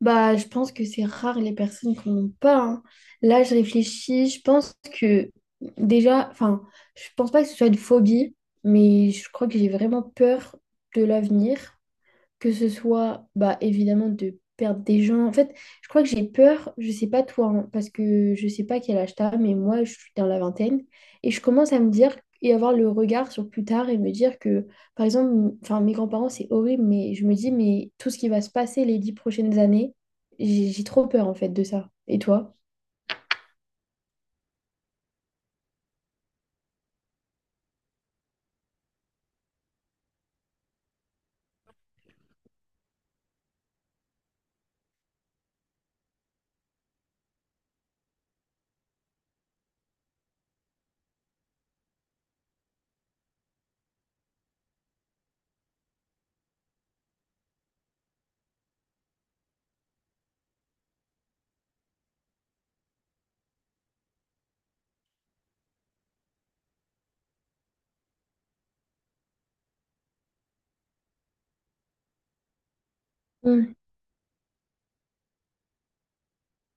Bah, je pense que c'est rare les personnes qui n'en ont pas, hein. Là, je réfléchis, je pense que déjà, je pense pas que ce soit une phobie, mais je crois que j'ai vraiment peur de l'avenir, que ce soit évidemment de perdre des gens. En fait, je crois que j'ai peur, je sais pas toi, hein, parce que je sais pas quel âge t'as, mais moi je suis dans la vingtaine et je commence à me dire et avoir le regard sur plus tard et me dire que, par exemple, enfin mes grands-parents c'est horrible, mais je me dis, mais tout ce qui va se passer les 10 prochaines années, j'ai trop peur en fait de ça. Et toi?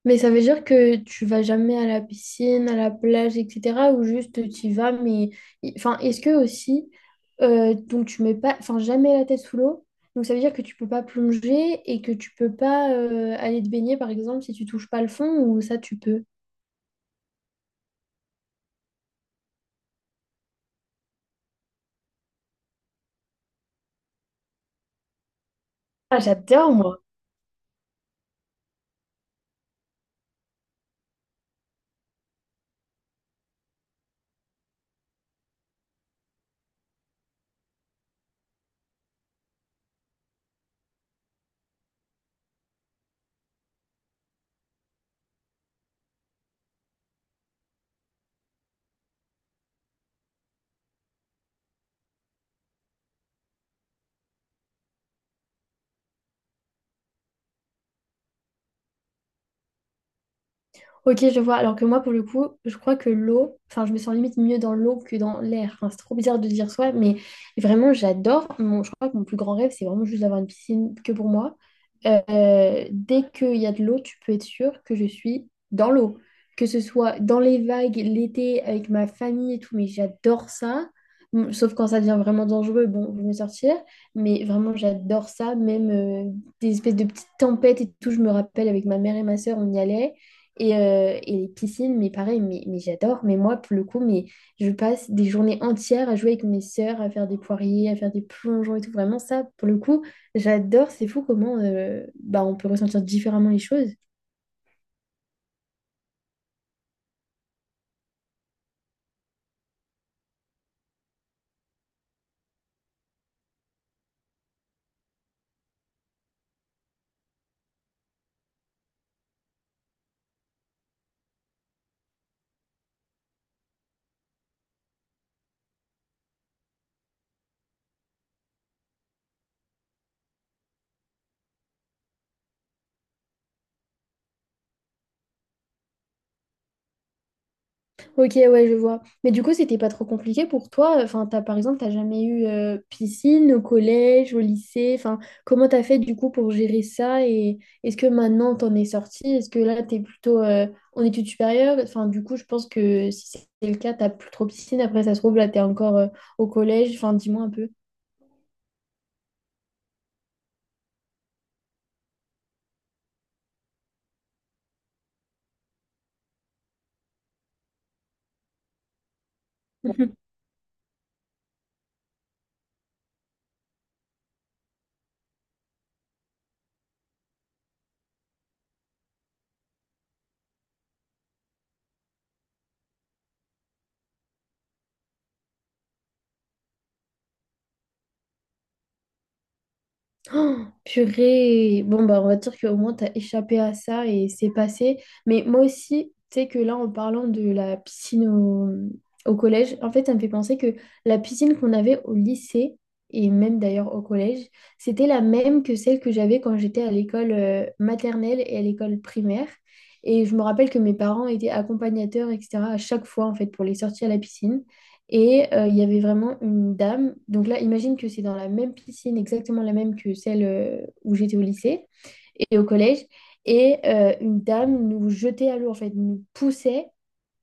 Mais ça veut dire que tu vas jamais à la piscine, à la plage, etc. Ou juste tu y vas, mais enfin, est-ce que aussi, donc tu mets pas, enfin, jamais la tête sous l'eau. Donc ça veut dire que tu peux pas plonger et que tu peux pas aller te baigner, par exemple, si tu touches pas le fond, ou ça tu peux. Ah, j'adore, moi. Ok, je vois. Alors que moi, pour le coup, je crois que l'eau, enfin, je me sens limite mieux dans l'eau que dans l'air. Enfin, c'est trop bizarre de dire soi, mais vraiment, j'adore. Je crois que mon plus grand rêve, c'est vraiment juste d'avoir une piscine que pour moi. Dès qu'il y a de l'eau, tu peux être sûr que je suis dans l'eau. Que ce soit dans les vagues, l'été, avec ma famille et tout, mais j'adore ça. Bon, sauf quand ça devient vraiment dangereux, bon, je vais me sortir. Mais vraiment, j'adore ça. Même des espèces de petites tempêtes et tout, je me rappelle avec ma mère et ma sœur, on y allait. Et les piscines, mais pareil, mais j'adore. Mais moi, pour le coup, mais je passe des journées entières à jouer avec mes sœurs, à faire des poiriers, à faire des plongeons et tout. Vraiment, ça, pour le coup, j'adore. C'est fou comment bah, on peut ressentir différemment les choses. Ok, ouais, je vois. Mais du coup, c'était pas trop compliqué pour toi. Enfin, t'as, par exemple, t'as jamais eu piscine au collège, au lycée. Enfin, comment t'as fait du coup pour gérer ça? Et est-ce que maintenant t'en es sorti? Est-ce que là, t'es plutôt en études supérieures? Enfin, du coup, je pense que si c'est le cas, t'as plus trop piscine. Après, ça se trouve, là, t'es encore au collège. Enfin, dis-moi un peu. Oh, purée. Bon, bah, on va dire qu'au moins, t'as échappé à ça et c'est passé. Mais moi aussi, tu sais que là, en parlant de la piscine au collège, en fait, ça me fait penser que la piscine qu'on avait au lycée, et même d'ailleurs au collège, c'était la même que celle que j'avais quand j'étais à l'école maternelle et à l'école primaire. Et je me rappelle que mes parents étaient accompagnateurs, etc., à chaque fois, en fait, pour les sorties à la piscine. Et il y avait vraiment une dame. Donc là, imagine que c'est dans la même piscine, exactement la même que celle où j'étais au lycée et au collège. Et une dame nous jetait à l'eau, en fait, nous poussait.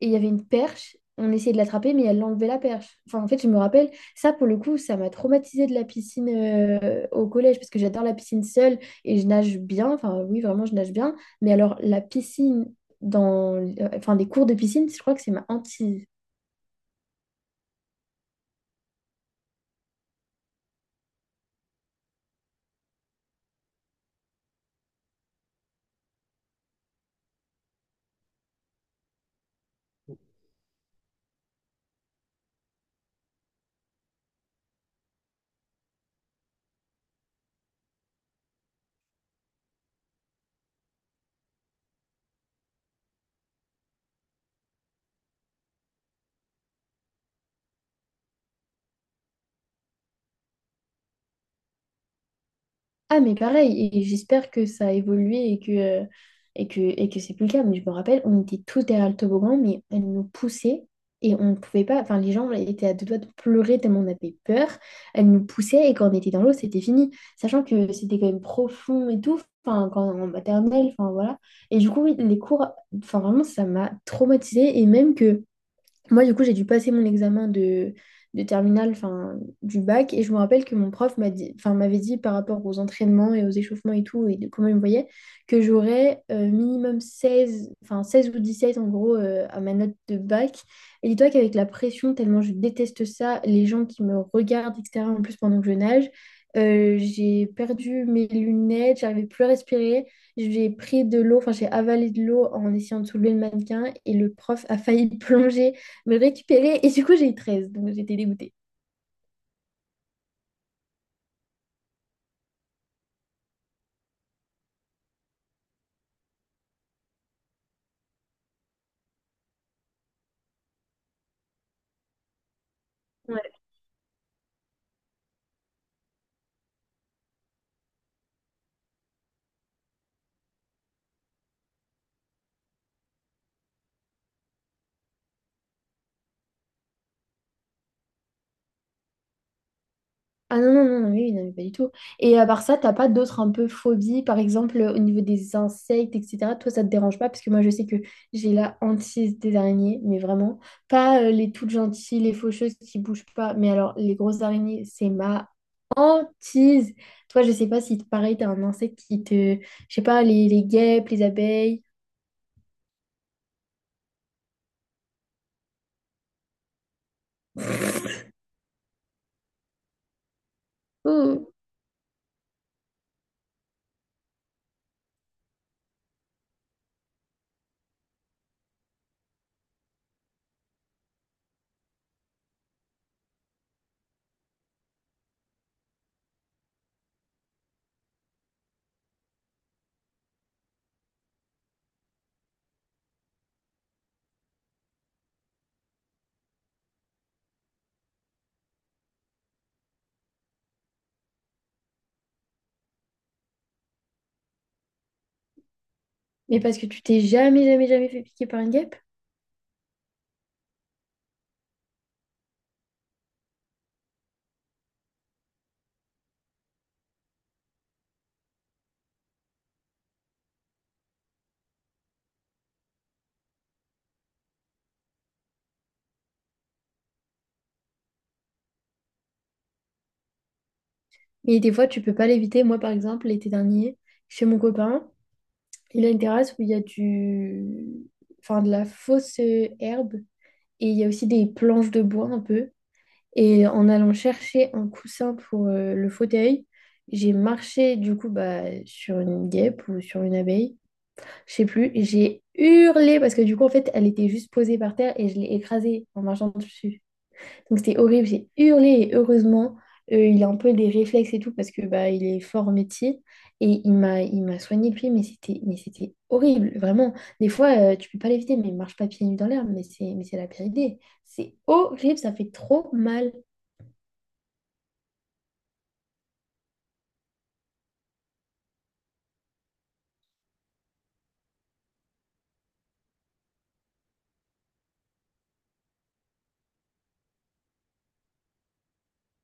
Et il y avait une perche. On essayait de l'attraper, mais elle enlevait la perche. Enfin, en fait, je me rappelle, ça, pour le coup, ça m'a traumatisée de la piscine au collège, parce que j'adore la piscine seule et je nage bien. Enfin, oui, vraiment, je nage bien. Mais alors, la piscine, dans... euh, enfin, des cours de piscine, je crois que c'est ma hantise. Ah, mais pareil, et j'espère que ça a évolué et que, et que, et que c'est plus le cas. Mais je me rappelle, on était tous derrière le toboggan, mais elle nous poussait et on ne pouvait pas. Enfin, les gens étaient à deux doigts de pleurer tellement on avait peur. Elle nous poussait et quand on était dans l'eau, c'était fini. Sachant que c'était quand même profond et tout. Enfin, quand en maternelle, enfin voilà. Et du coup, oui, les cours, enfin vraiment, ça m'a traumatisée. Et même que moi, du coup, j'ai dû passer mon examen de terminale, enfin, du bac, et je me rappelle que mon prof m'a dit, enfin, m'avait dit par rapport aux entraînements et aux échauffements et tout, et de comment il me voyait, que j'aurais minimum 16 enfin, 16 ou 17 en gros à ma note de bac. Et dis-toi qu'avec la pression, tellement je déteste ça, les gens qui me regardent, etc., en plus pendant que je nage, j'ai perdu mes lunettes, j'arrivais plus à respirer. J'ai pris de l'eau, enfin j'ai avalé de l'eau en essayant de soulever le mannequin et le prof a failli plonger me récupérer. Et du coup, j'ai eu 13, donc j'étais dégoûtée. Ouais. Ah non, non, non, non, oui, non, mais pas du tout. Et à part ça, t'as pas d'autres un peu phobies, par exemple au niveau des insectes, etc. Toi, ça te dérange pas, parce que moi, je sais que j'ai la hantise des araignées, mais vraiment. Pas les toutes gentilles, les faucheuses qui bougent pas, mais alors les grosses araignées, c'est ma hantise. Toi, je sais pas si pareil, t'as un insecte qui te. Je sais pas, les guêpes, les abeilles. Oh, mais parce que tu t'es jamais, jamais, jamais fait piquer par une guêpe? Et des fois, tu peux pas l'éviter. Moi, par exemple, l'été dernier, chez mon copain, il a une terrasse où il y a enfin, de la fausse herbe et il y a aussi des planches de bois un peu. Et en allant chercher un coussin pour le fauteuil, j'ai marché du coup bah, sur une guêpe ou sur une abeille, je sais plus. Et j'ai hurlé parce que du coup, en fait, elle était juste posée par terre et je l'ai écrasée en marchant dessus. Donc c'était horrible, j'ai hurlé et heureusement, il a un peu des réflexes et tout parce que bah, il est fort au métier et il m'a soigné le pied, mais c'était horrible, vraiment. Des fois, tu peux pas l'éviter, mais marche pas pieds nus dans l'herbe, mais c'est la pire idée. C'est horrible, ça fait trop mal.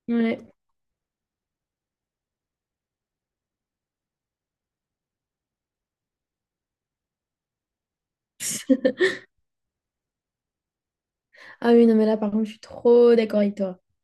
Ouais. Ah oui, non, mais là, par contre, je suis trop d'accord avec toi.